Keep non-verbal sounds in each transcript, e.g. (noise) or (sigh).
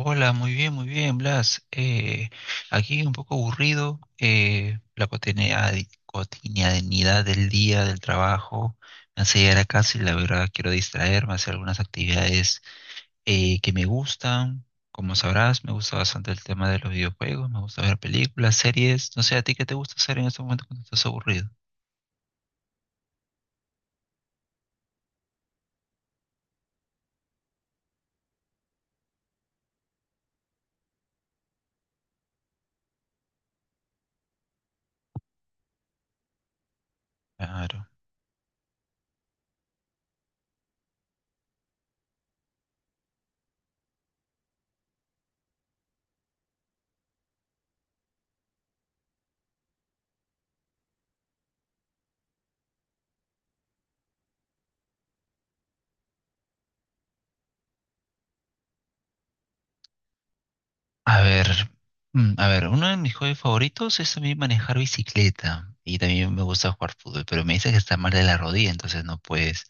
Hola, muy bien, Blas. Aquí un poco aburrido, la cotidianidad del día, del trabajo, me hace llegar a casa y la verdad quiero distraerme, hacer algunas actividades que me gustan. Como sabrás, me gusta bastante el tema de los videojuegos, me gusta ver películas, series. No sé, ¿a ti qué te gusta hacer en este momento cuando estás aburrido? Claro. A ver, a ver, uno de mis hobbies favoritos es también manejar bicicleta y también me gusta jugar fútbol, pero me dice que está mal de la rodilla, entonces no puedes.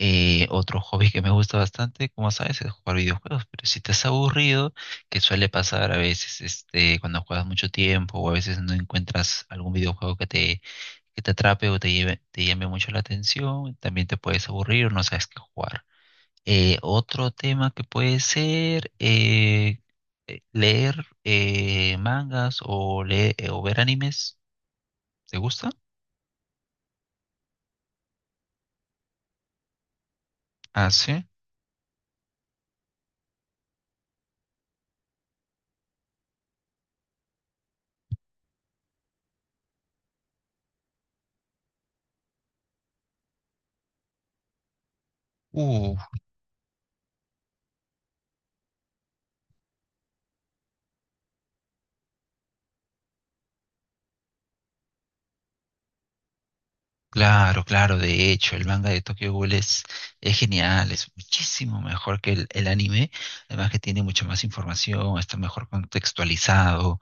Otro hobby que me gusta bastante, como sabes, es jugar videojuegos, pero si estás aburrido, que suele pasar a veces, este, cuando juegas mucho tiempo o a veces no encuentras algún videojuego que te atrape o te lleve, te llame mucho la atención, también te puedes aburrir o no sabes qué jugar. Otro tema que puede ser leer mangas o, leer, o ver animes. ¿Te gusta? Ah, sí. Uh, claro, claro. De hecho, el manga de Tokyo Ghoul es genial, es muchísimo mejor que el anime. Además que tiene mucha más información, está mejor contextualizado,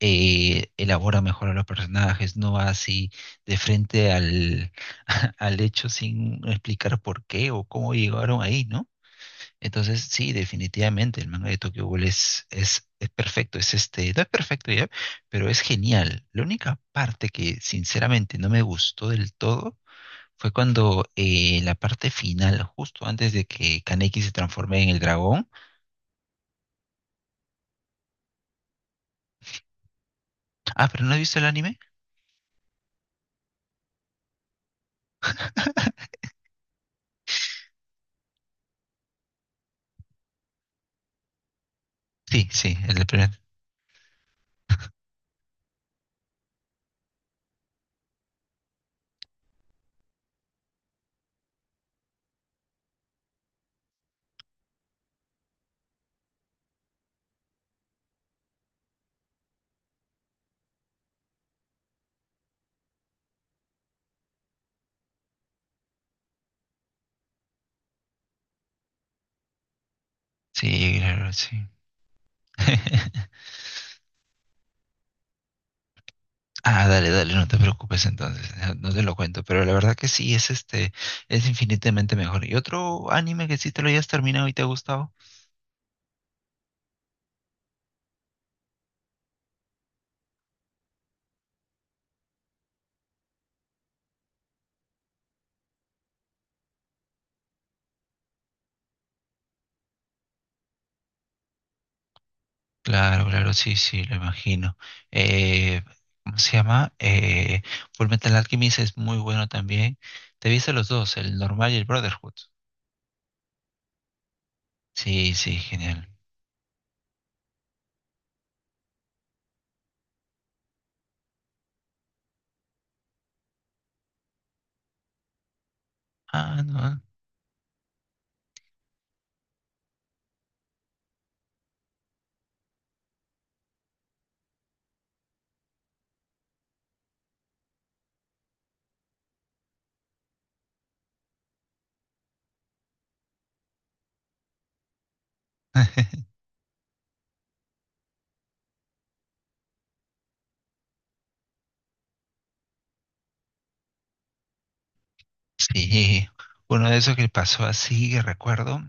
elabora mejor a los personajes, no va así de frente al, (laughs) al hecho sin explicar por qué o cómo llegaron ahí, ¿no? Entonces, sí, definitivamente, el manga de Tokyo Ghoul es perfecto, es este, no es perfecto ya, pero es genial. La única parte que sinceramente no me gustó del todo fue cuando la parte final, justo antes de que Kaneki se transforme en el dragón. Ah, pero ¿no has visto el anime? Sí, sí, el de primer. Sí, claro, sí. (laughs) Ah, dale, dale, no te preocupes entonces, no te lo cuento, pero la verdad que sí, es este, es infinitamente mejor. ¿Y otro anime que sí te lo hayas terminado y te ha gustado? Claro, claro, sí, sí, lo imagino. Eh, ¿Cómo se llama? Fullmetal Alchemist es muy bueno también. Te viste los dos, el normal y el Brotherhood. Sí, sí, genial. Ah, no. (laughs) Sí, uno de esos que pasó así, que recuerdo,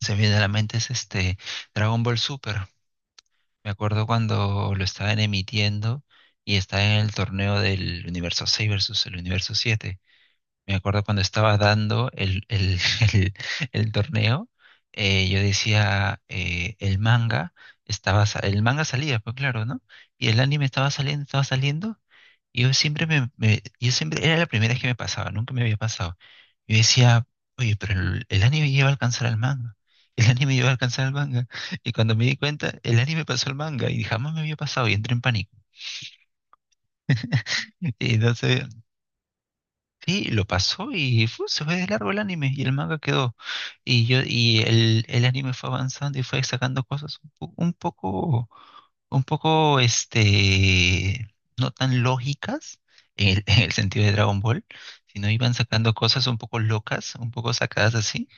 se me viene a la mente es este Dragon Ball Super. Me acuerdo cuando lo estaban emitiendo y estaba en el torneo del universo 6 versus el universo 7. Me acuerdo cuando estaba dando (laughs) el- el torneo, yo decía, el manga estaba, sa- el manga salía, pues claro, ¿no? Y el anime estaba saliendo, y yo yo siempre, era la primera vez que me pasaba, nunca me había pasado. Yo decía, oye, pero el anime lleva a alcanzar al manga, (laughs) el anime lleva a alcanzar al manga, y cuando me di cuenta, el anime pasó al manga, y jamás me había pasado, y entré en pánico. (laughs) Y entonces sí, lo pasó y fu, se fue de largo el anime y el manga quedó. Y yo, y el anime fue avanzando y fue sacando cosas un, po- un poco, este, no tan lógicas en el, (laughs) en el sentido de Dragon Ball, sino iban sacando cosas un poco locas, un poco sacadas así.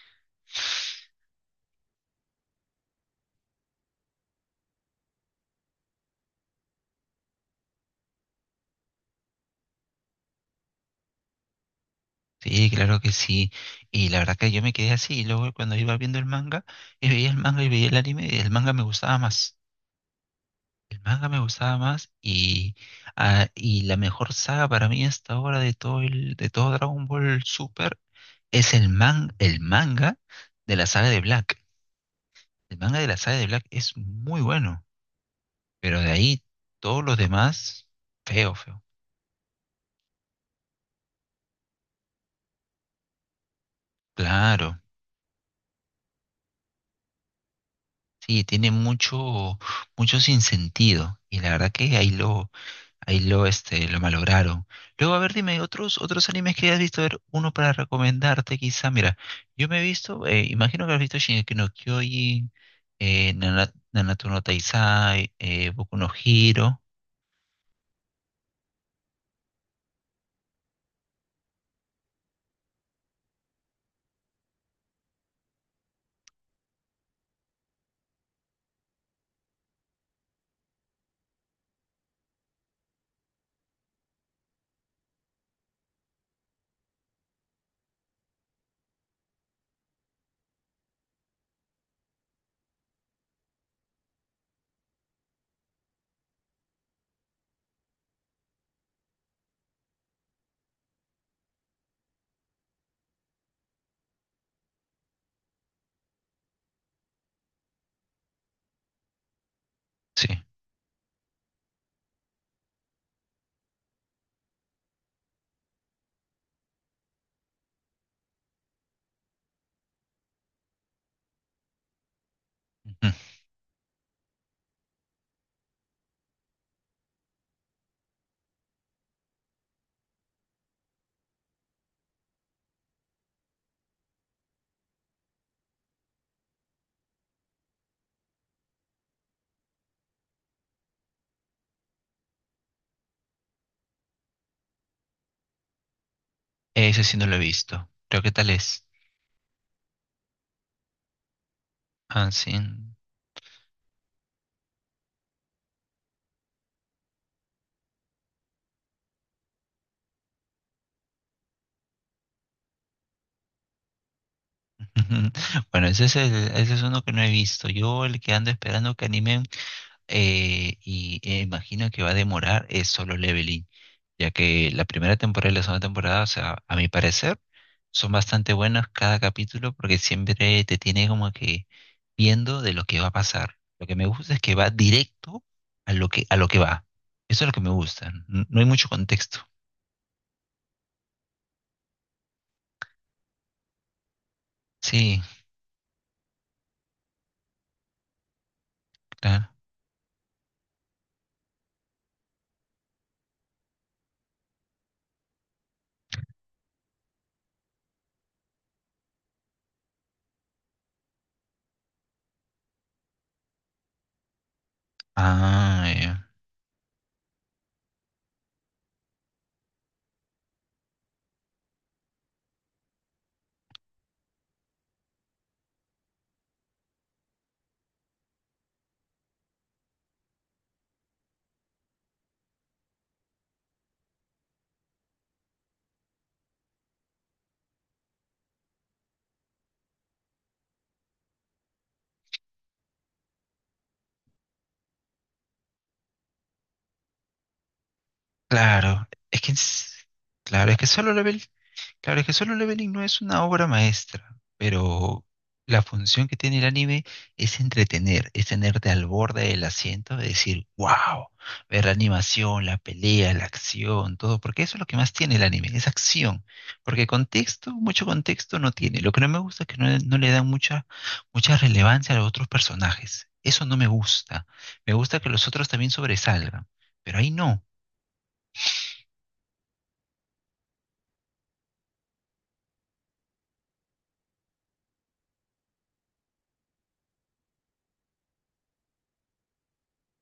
Sí, claro que sí. Y la verdad que yo me quedé así. Y luego cuando iba viendo el manga, y veía el manga y veía el anime, el manga me gustaba más. El manga me gustaba más y, ah, y la mejor saga para mí hasta ahora de todo el, de todo Dragon Ball Super es el man, el manga de la saga de Black. El manga de la saga de Black es muy bueno, pero de ahí todos los demás, feo, feo. Claro, sí, tiene mucho, mucho sinsentido. Y la verdad que ahí lo, ahí lo, este, lo malograron. Luego, a ver, dime, otros, otros animes que hayas visto, a ver, uno para recomendarte quizá. Mira, yo me he visto, imagino que has visto Shingeki no Kyojin, Nanatsu no Taizai, Boku no Hero. Sí, ujú. Ese sí no lo he visto. Creo que tal es. Ah, sí. (laughs) Bueno, ese es, el- ese es uno que no he visto. Yo el que ando esperando que animen imagino que va a demorar es Solo Leveling. Ya que la primera temporada y la segunda temporada, o sea, a mi parecer, son bastante buenas cada capítulo porque siempre te tiene como que viendo de lo que va a pasar. Lo que me gusta es que va directo a lo que va. Eso es lo que me gusta. N- No hay mucho contexto. Sí, claro. Ah, ya. Claro. Es que, es- claro, es que solo lo ve. Claro, es que Solo Leveling no es una obra maestra, pero la función que tiene el anime es entretener, es tenerte al borde del asiento, de decir, wow, ver la animación, la pelea, la acción, todo, porque eso es lo que más tiene el anime, es acción, porque contexto, mucho contexto no tiene. Lo que no me gusta es que no le dan mucha relevancia a los otros personajes. Eso no me gusta. Me gusta que los otros también sobresalgan, pero ahí no.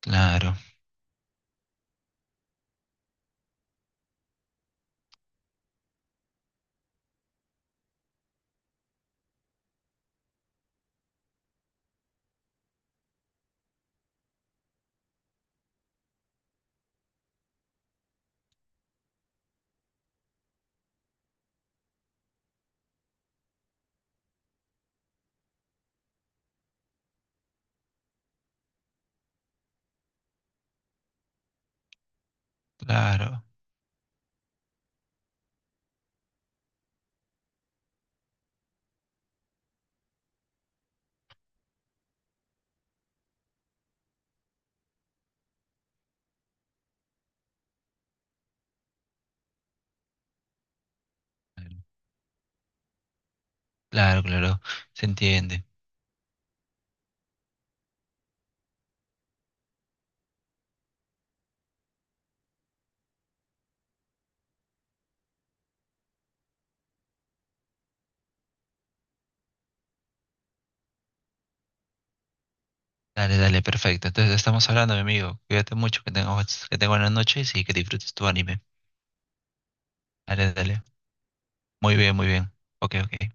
Claro, claro, claro, claro, claro, se entiende. Dale, dale, perfecto. Entonces estamos hablando, mi amigo. Cuídate mucho, que tengas buenas noches y que disfrutes tu anime. Dale, dale. Muy bien, muy bien. Ok, ok.